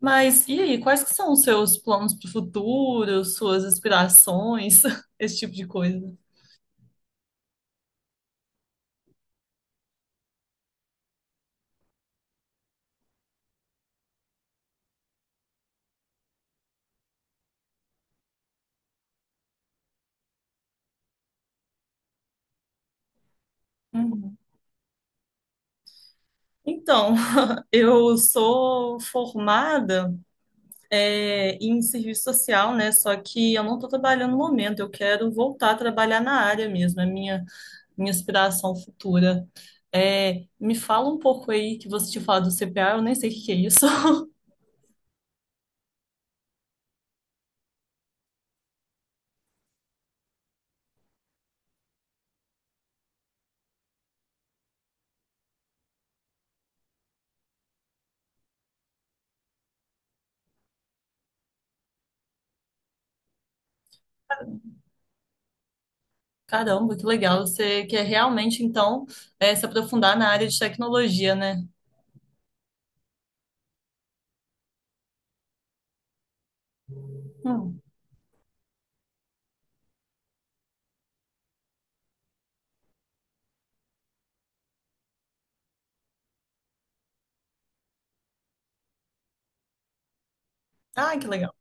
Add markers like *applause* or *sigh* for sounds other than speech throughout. Mas e aí, quais que são os seus planos para o futuro, suas aspirações, *laughs* esse tipo de coisa? Uhum. Então, *laughs* eu sou formada. Em serviço social, né? Só que eu não estou trabalhando no momento, eu quero voltar a trabalhar na área mesmo, é minha inspiração futura. Me fala um pouco aí que você tinha falado do CPA, eu nem sei o que que é isso. *laughs* Caramba, que legal. Você quer realmente, então, se aprofundar na área de tecnologia, né? Hum. Ah, que legal.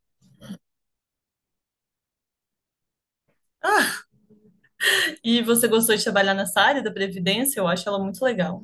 E você gostou de trabalhar nessa área da Previdência? Eu acho ela muito legal.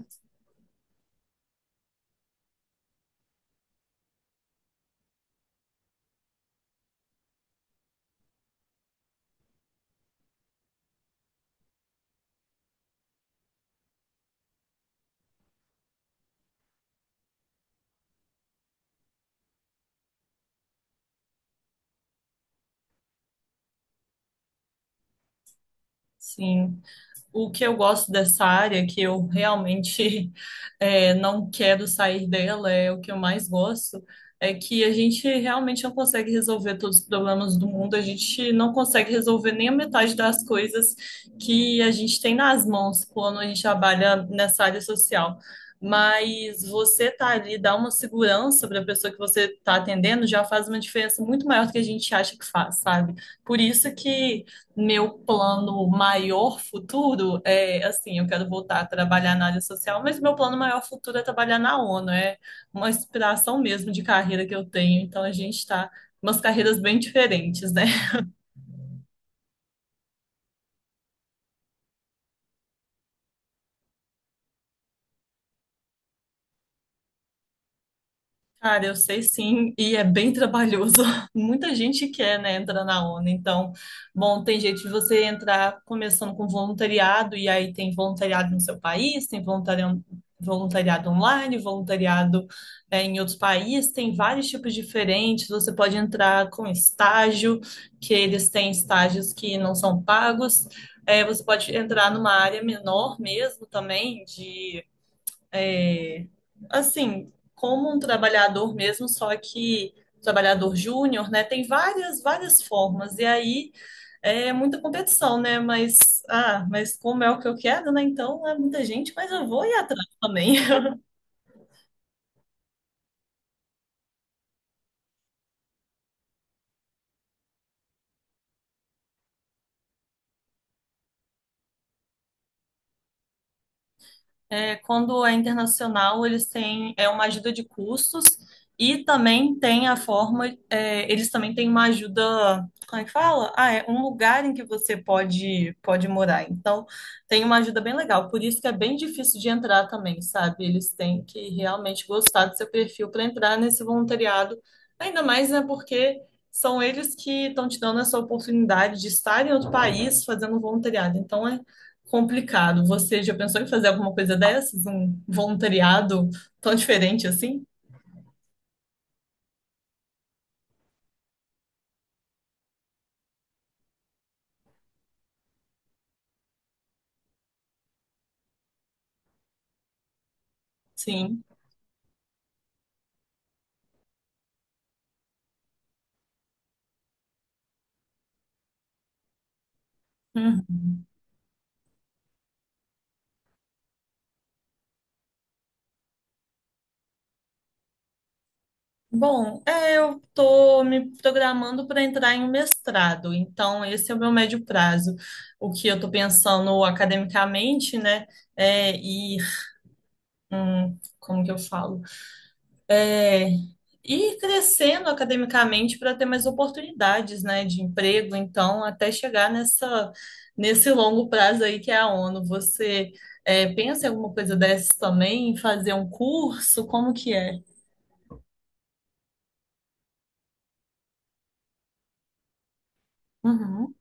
Sim. O que eu gosto dessa área, que eu realmente *laughs* não quero sair dela, é o que eu mais gosto, é que a gente realmente não consegue resolver todos os problemas do mundo, a gente não consegue resolver nem a metade das coisas que a gente tem nas mãos quando a gente trabalha nessa área social. Mas você tá ali, dá uma segurança para a pessoa que você está atendendo, já faz uma diferença muito maior do que a gente acha que faz, sabe? Por isso que meu plano maior futuro é assim, eu quero voltar a trabalhar na área social, mas meu plano maior futuro é trabalhar na ONU, é uma inspiração mesmo de carreira que eu tenho, então a gente está umas carreiras bem diferentes, né? Cara, eu sei sim, e é bem trabalhoso. *laughs* Muita gente quer, né, entrar na ONU. Então, bom, tem jeito de você entrar começando com voluntariado, e aí tem voluntariado no seu país, tem voluntariado online, voluntariado, em outros países, tem vários tipos diferentes. Você pode entrar com estágio, que eles têm estágios que não são pagos. É, você pode entrar numa área menor mesmo também, de assim, como um trabalhador mesmo, só que trabalhador júnior, né? Tem várias, várias formas. E aí é muita competição, né? Mas, ah, mas como é o que eu quero, né? Então é muita gente, mas eu vou ir atrás também. *laughs* É, quando é internacional, eles têm é uma ajuda de custos e também tem a forma, é, eles também têm uma ajuda, como é que fala? Ah, é um lugar em que você pode morar. Então, tem uma ajuda bem legal. Por isso que é bem difícil de entrar também, sabe? Eles têm que realmente gostar do seu perfil para entrar nesse voluntariado. Ainda mais, né, porque são eles que estão te dando essa oportunidade de estar em outro país fazendo voluntariado. Então, é complicado. Você já pensou em fazer alguma coisa dessas? Um voluntariado tão diferente assim? Sim. Uhum. Bom, é, eu estou me programando para entrar em um mestrado, então esse é o meu médio prazo. O que eu estou pensando academicamente, né, é ir, como que eu falo? é, Ir crescendo academicamente para ter mais oportunidades, né, de emprego, então, até chegar nessa, nesse longo prazo aí que é a ONU. Você pensa em alguma coisa dessas também, em fazer um curso? Como que é? Uhum,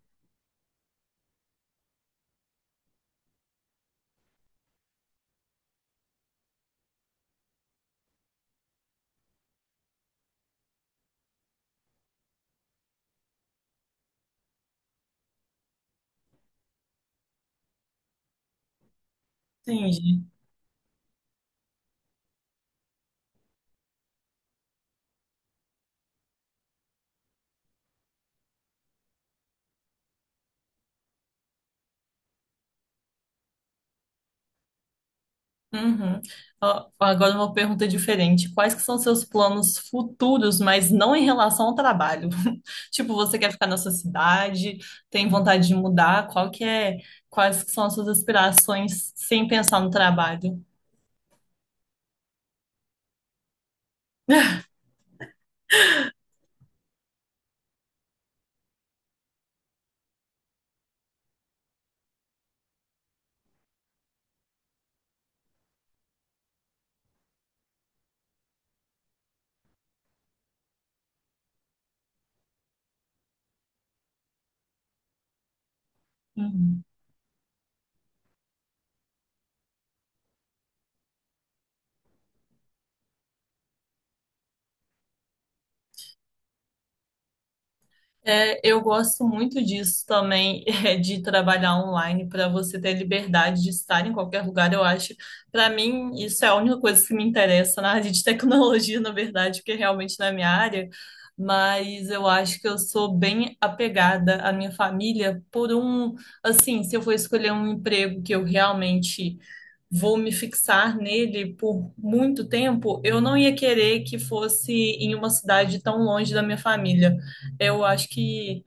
entendi. Uhum. Ó, agora uma pergunta diferente. Quais que são seus planos futuros, mas não em relação ao trabalho? *laughs* Tipo, você quer ficar na sua cidade? Tem vontade de mudar? Qual que é? Quais que são as suas aspirações sem pensar no trabalho? Uhum. É, eu gosto muito disso também, *laughs* é, de trabalhar online, para você ter liberdade de estar em qualquer lugar, eu acho. Para mim, isso é a única coisa que me interessa na área de tecnologia, *laughs* na verdade, porque realmente não é minha área, mas eu acho que eu sou bem apegada à minha família por um, assim, se eu for escolher um emprego que eu realmente vou me fixar nele por muito tempo, eu não ia querer que fosse em uma cidade tão longe da minha família. Eu acho que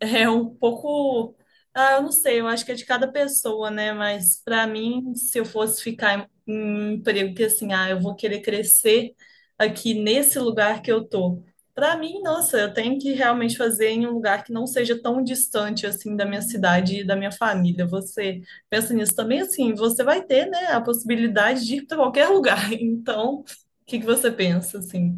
é um pouco, ah, eu não sei, eu acho que é de cada pessoa, né? Mas para mim, se eu fosse ficar em um emprego que assim, ah, eu vou querer crescer aqui nesse lugar que eu tô. Para mim, nossa, eu tenho que realmente fazer em um lugar que não seja tão distante assim da minha cidade e da minha família. Você pensa nisso também, assim, você vai ter, né, a possibilidade de ir para qualquer lugar. *laughs* Então, o que que você pensa, assim?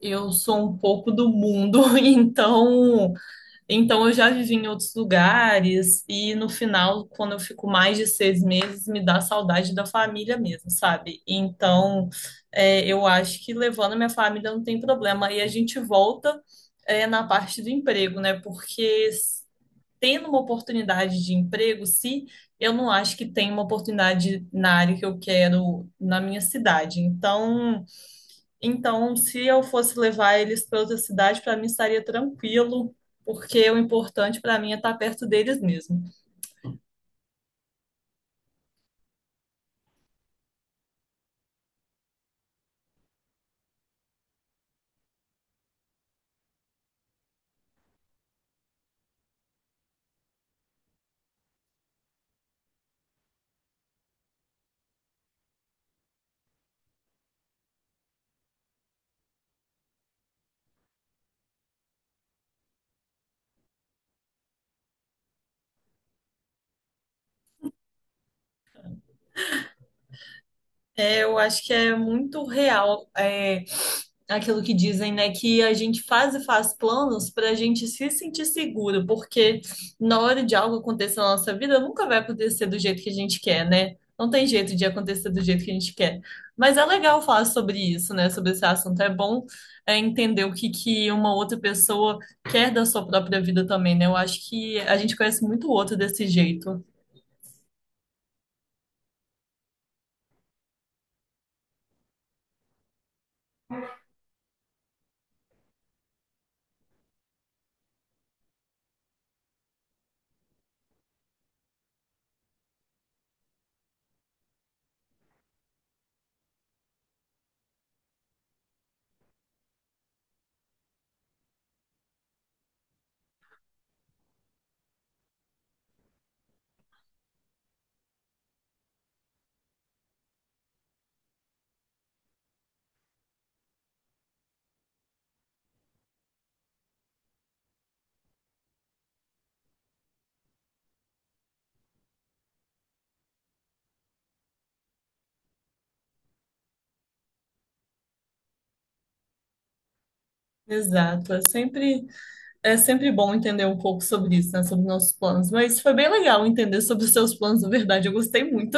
Eu sou um pouco do mundo, *laughs* então eu já vivi em outros lugares, e no final, quando eu fico mais de 6 meses, me dá saudade da família mesmo, sabe? Então, é, eu acho que levando a minha família não tem problema. E a gente volta, é, na parte do emprego, né? Porque s- tendo uma oportunidade de emprego, se eu não acho que tem uma oportunidade na área que eu quero na minha cidade. Então. Então, se eu fosse levar eles para outra cidade, para mim estaria tranquilo, porque o importante para mim é estar perto deles mesmo. É, eu acho que é muito real é, aquilo que dizem, né? Que a gente faz e faz planos para a gente se sentir seguro, porque na hora de algo acontecer na nossa vida, nunca vai acontecer do jeito que a gente quer, né? Não tem jeito de acontecer do jeito que a gente quer. Mas é legal falar sobre isso, né? Sobre esse assunto. É bom entender o que, que uma outra pessoa quer da sua própria vida também, né? Eu acho que a gente conhece muito o outro desse jeito. Exato. É sempre. É sempre bom entender um pouco sobre isso, né? Sobre nossos planos. Mas foi bem legal entender sobre os seus planos, na verdade. Eu gostei muito.